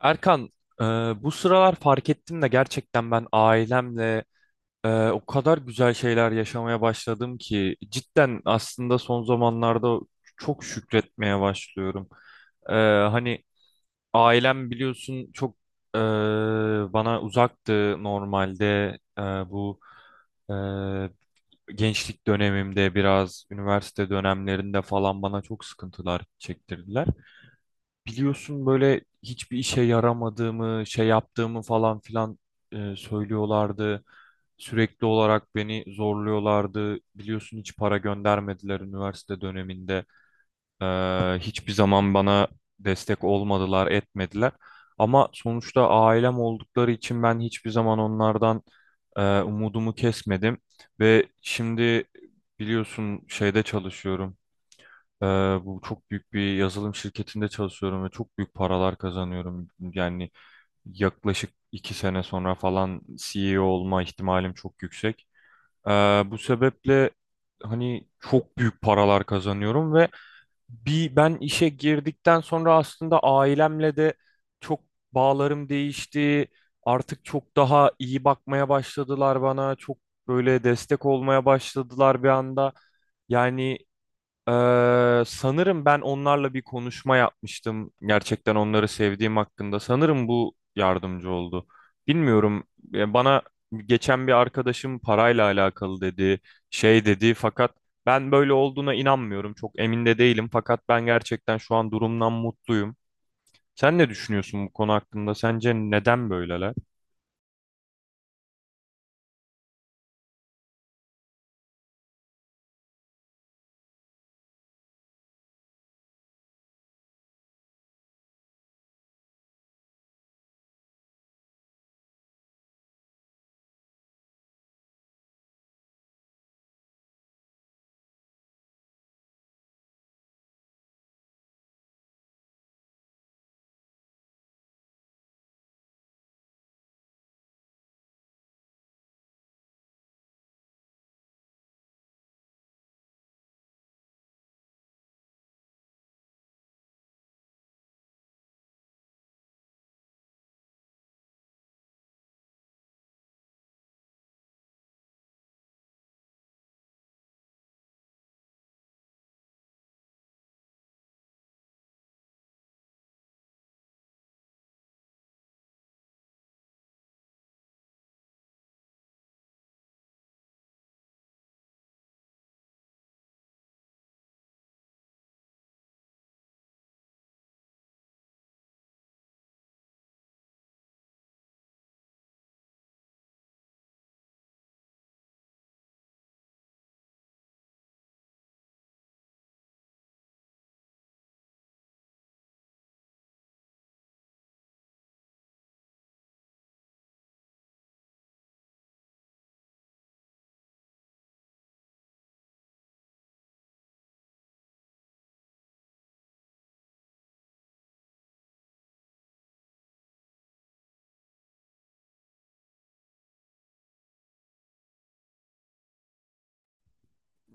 Erkan, e, bu sıralar fark ettim de gerçekten ben ailemle o kadar güzel şeyler yaşamaya başladım ki cidden aslında son zamanlarda çok şükretmeye başlıyorum. Hani ailem biliyorsun çok e, bana uzaktı normalde. Bu e, gençlik dönemimde biraz üniversite dönemlerinde falan bana çok sıkıntılar çektirdiler, biliyorsun böyle hiçbir işe yaramadığımı, şey yaptığımı falan filan söylüyorlardı. Sürekli olarak beni zorluyorlardı. Biliyorsun hiç para göndermediler üniversite döneminde. Ee, Hiçbir zaman bana destek olmadılar, etmediler. Ama sonuçta ailem oldukları için ben hiçbir zaman onlardan umudumu kesmedim. Ve şimdi biliyorsun şeyde çalışıyorum. Ee, Bu çok büyük bir yazılım şirketinde çalışıyorum ve çok büyük paralar kazanıyorum. Yani yaklaşık iki sene sonra falan CEO olma ihtimalim çok yüksek. Ee, Bu sebeple hani çok büyük paralar kazanıyorum ve bir ben işe girdikten sonra aslında ailemle de çok bağlarım değişti. Artık çok daha iyi bakmaya başladılar bana. Çok böyle destek olmaya başladılar bir anda. Yani sanırım ben onlarla bir konuşma yapmıştım. Gerçekten onları sevdiğim hakkında. Sanırım bu yardımcı oldu. Bilmiyorum. Bana geçen bir arkadaşım parayla alakalı dedi, şey dedi. Fakat ben böyle olduğuna inanmıyorum. Çok emin de değilim. Fakat ben gerçekten şu an durumdan mutluyum. Sen ne düşünüyorsun bu konu hakkında? Sence neden böyleler?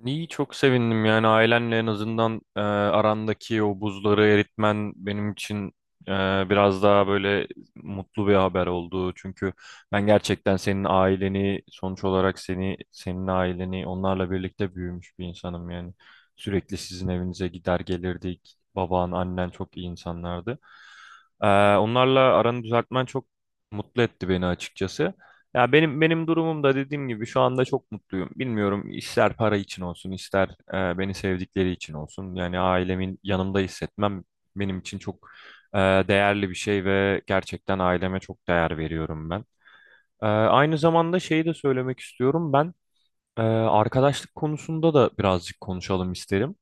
İyi, çok sevindim yani ailenle en azından arandaki o buzları eritmen benim için e, biraz daha böyle mutlu bir haber oldu. Çünkü ben gerçekten senin aileni sonuç olarak seni, senin aileni, onlarla birlikte büyümüş bir insanım yani. Sürekli sizin evinize gider gelirdik. Baban, annen çok iyi insanlardı. E, Onlarla aranı düzeltmen çok mutlu etti beni açıkçası. Ya benim durumum da dediğim gibi şu anda çok mutluyum. Bilmiyorum, ister para için olsun, ister beni sevdikleri için olsun. Yani ailemin yanımda hissetmem benim için çok değerli bir şey ve gerçekten aileme çok değer veriyorum ben. Aynı zamanda şeyi de söylemek istiyorum. Ben arkadaşlık konusunda da birazcık konuşalım isterim.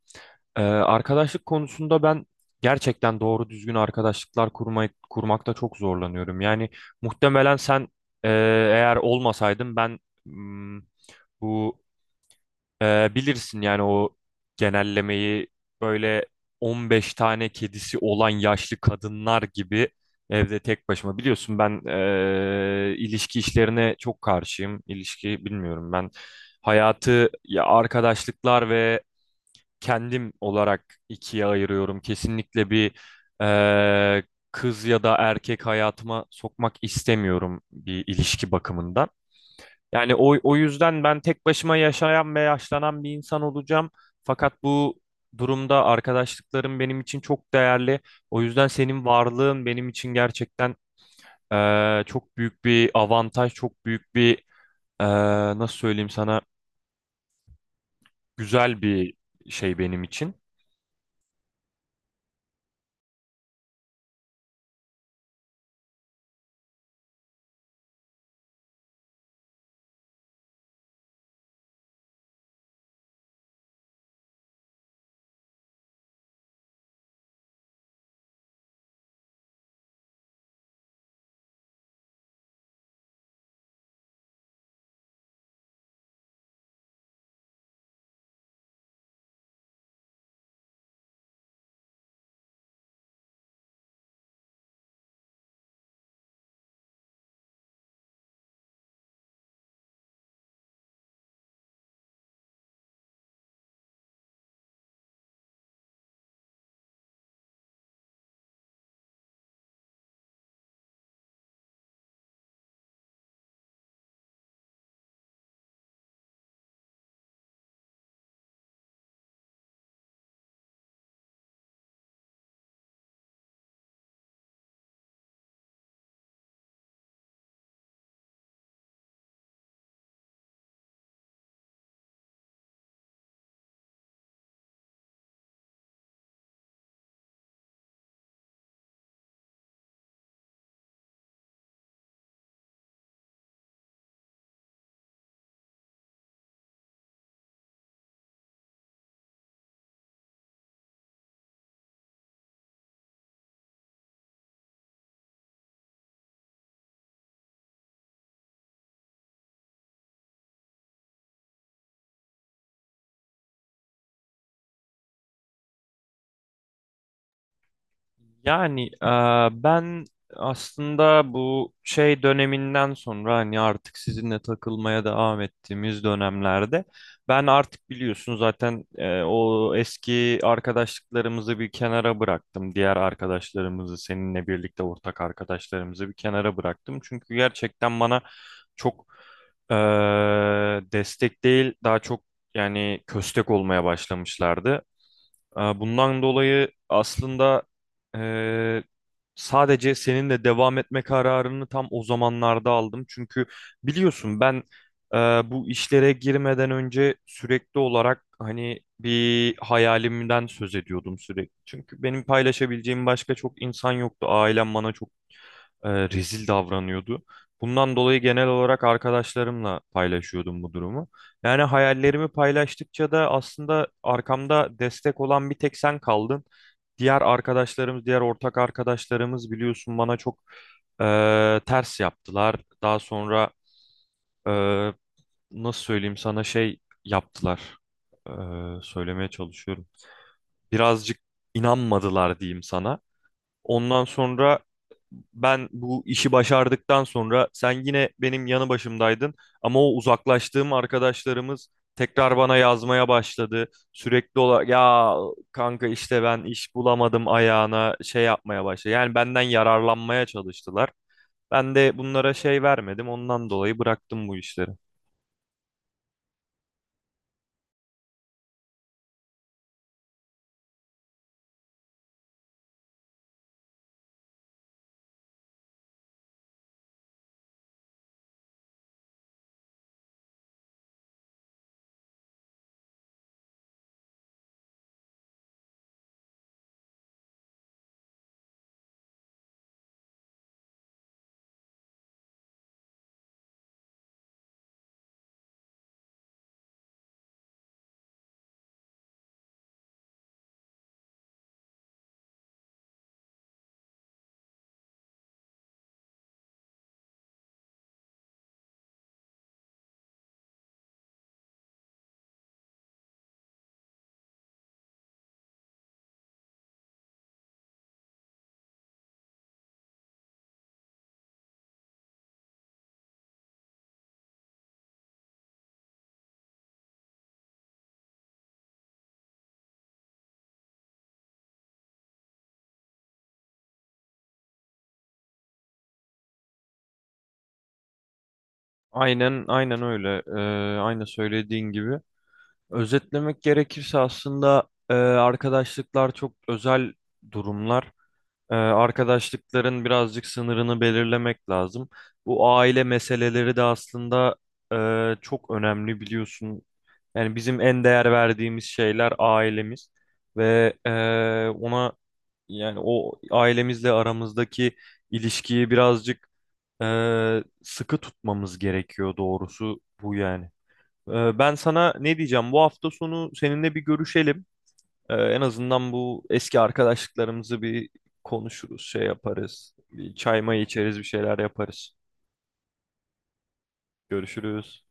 Arkadaşlık konusunda ben gerçekten doğru düzgün arkadaşlıklar kurmakta çok zorlanıyorum. Yani muhtemelen sen e, eğer olmasaydın ben mm, bu bilirsin yani o genellemeyi, böyle 15 tane kedisi olan yaşlı kadınlar gibi evde tek başıma. Biliyorsun ben ilişki işlerine çok karşıyım. İlişki, bilmiyorum, ben hayatı ya arkadaşlıklar ve kendim olarak ikiye ayırıyorum. Kesinlikle bir eee, kız ya da erkek hayatıma sokmak istemiyorum bir ilişki bakımından. Yani o yüzden ben tek başıma yaşayan ve yaşlanan bir insan olacağım. Fakat bu durumda arkadaşlıklarım benim için çok değerli. O yüzden senin varlığın benim için gerçekten çok büyük bir avantaj, çok büyük bir eee, nasıl söyleyeyim sana. Güzel bir şey benim için. Yani ben aslında bu şey döneminden sonra, hani artık sizinle takılmaya devam ettiğimiz dönemlerde, ben artık biliyorsun zaten o eski arkadaşlıklarımızı bir kenara bıraktım. Diğer arkadaşlarımızı, seninle birlikte ortak arkadaşlarımızı bir kenara bıraktım. Çünkü gerçekten bana çok e, destek değil daha çok yani köstek olmaya başlamışlardı. Bundan dolayı aslında eee, sadece seninle devam etme kararını tam o zamanlarda aldım. Çünkü biliyorsun ben eee, bu işlere girmeden önce sürekli olarak hani bir hayalimden söz ediyordum sürekli. Çünkü benim paylaşabileceğim başka çok insan yoktu. Ailem bana çok rezil davranıyordu. Bundan dolayı genel olarak arkadaşlarımla paylaşıyordum bu durumu. Yani hayallerimi paylaştıkça da aslında arkamda destek olan bir tek sen kaldın. Diğer arkadaşlarımız, diğer ortak arkadaşlarımız biliyorsun bana çok ters yaptılar. Daha sonra e, nasıl söyleyeyim sana, şey yaptılar. E, Söylemeye çalışıyorum. Birazcık inanmadılar diyeyim sana. Ondan sonra ben bu işi başardıktan sonra sen yine benim yanı başımdaydın, ama o uzaklaştığım arkadaşlarımız tekrar bana yazmaya başladı. Sürekli olarak ya kanka işte ben iş bulamadım ayağına şey yapmaya başladı. Yani benden yararlanmaya çalıştılar. Ben de bunlara şey vermedim. Ondan dolayı bıraktım bu işleri. Aynen, aynen öyle. Aynı söylediğin gibi. Özetlemek gerekirse aslında arkadaşlıklar çok özel durumlar. Arkadaşlıkların birazcık sınırını belirlemek lazım. Bu aile meseleleri de aslında çok önemli biliyorsun. Yani bizim en değer verdiğimiz şeyler ailemiz ve ona yani o ailemizle aramızdaki ilişkiyi birazcık sıkı tutmamız gerekiyor doğrusu bu yani. Ben sana ne diyeceğim? Bu hafta sonu seninle bir görüşelim. En azından bu eski arkadaşlıklarımızı bir konuşuruz, şey yaparız. Bir çay mayı içeriz, bir şeyler yaparız. Görüşürüz.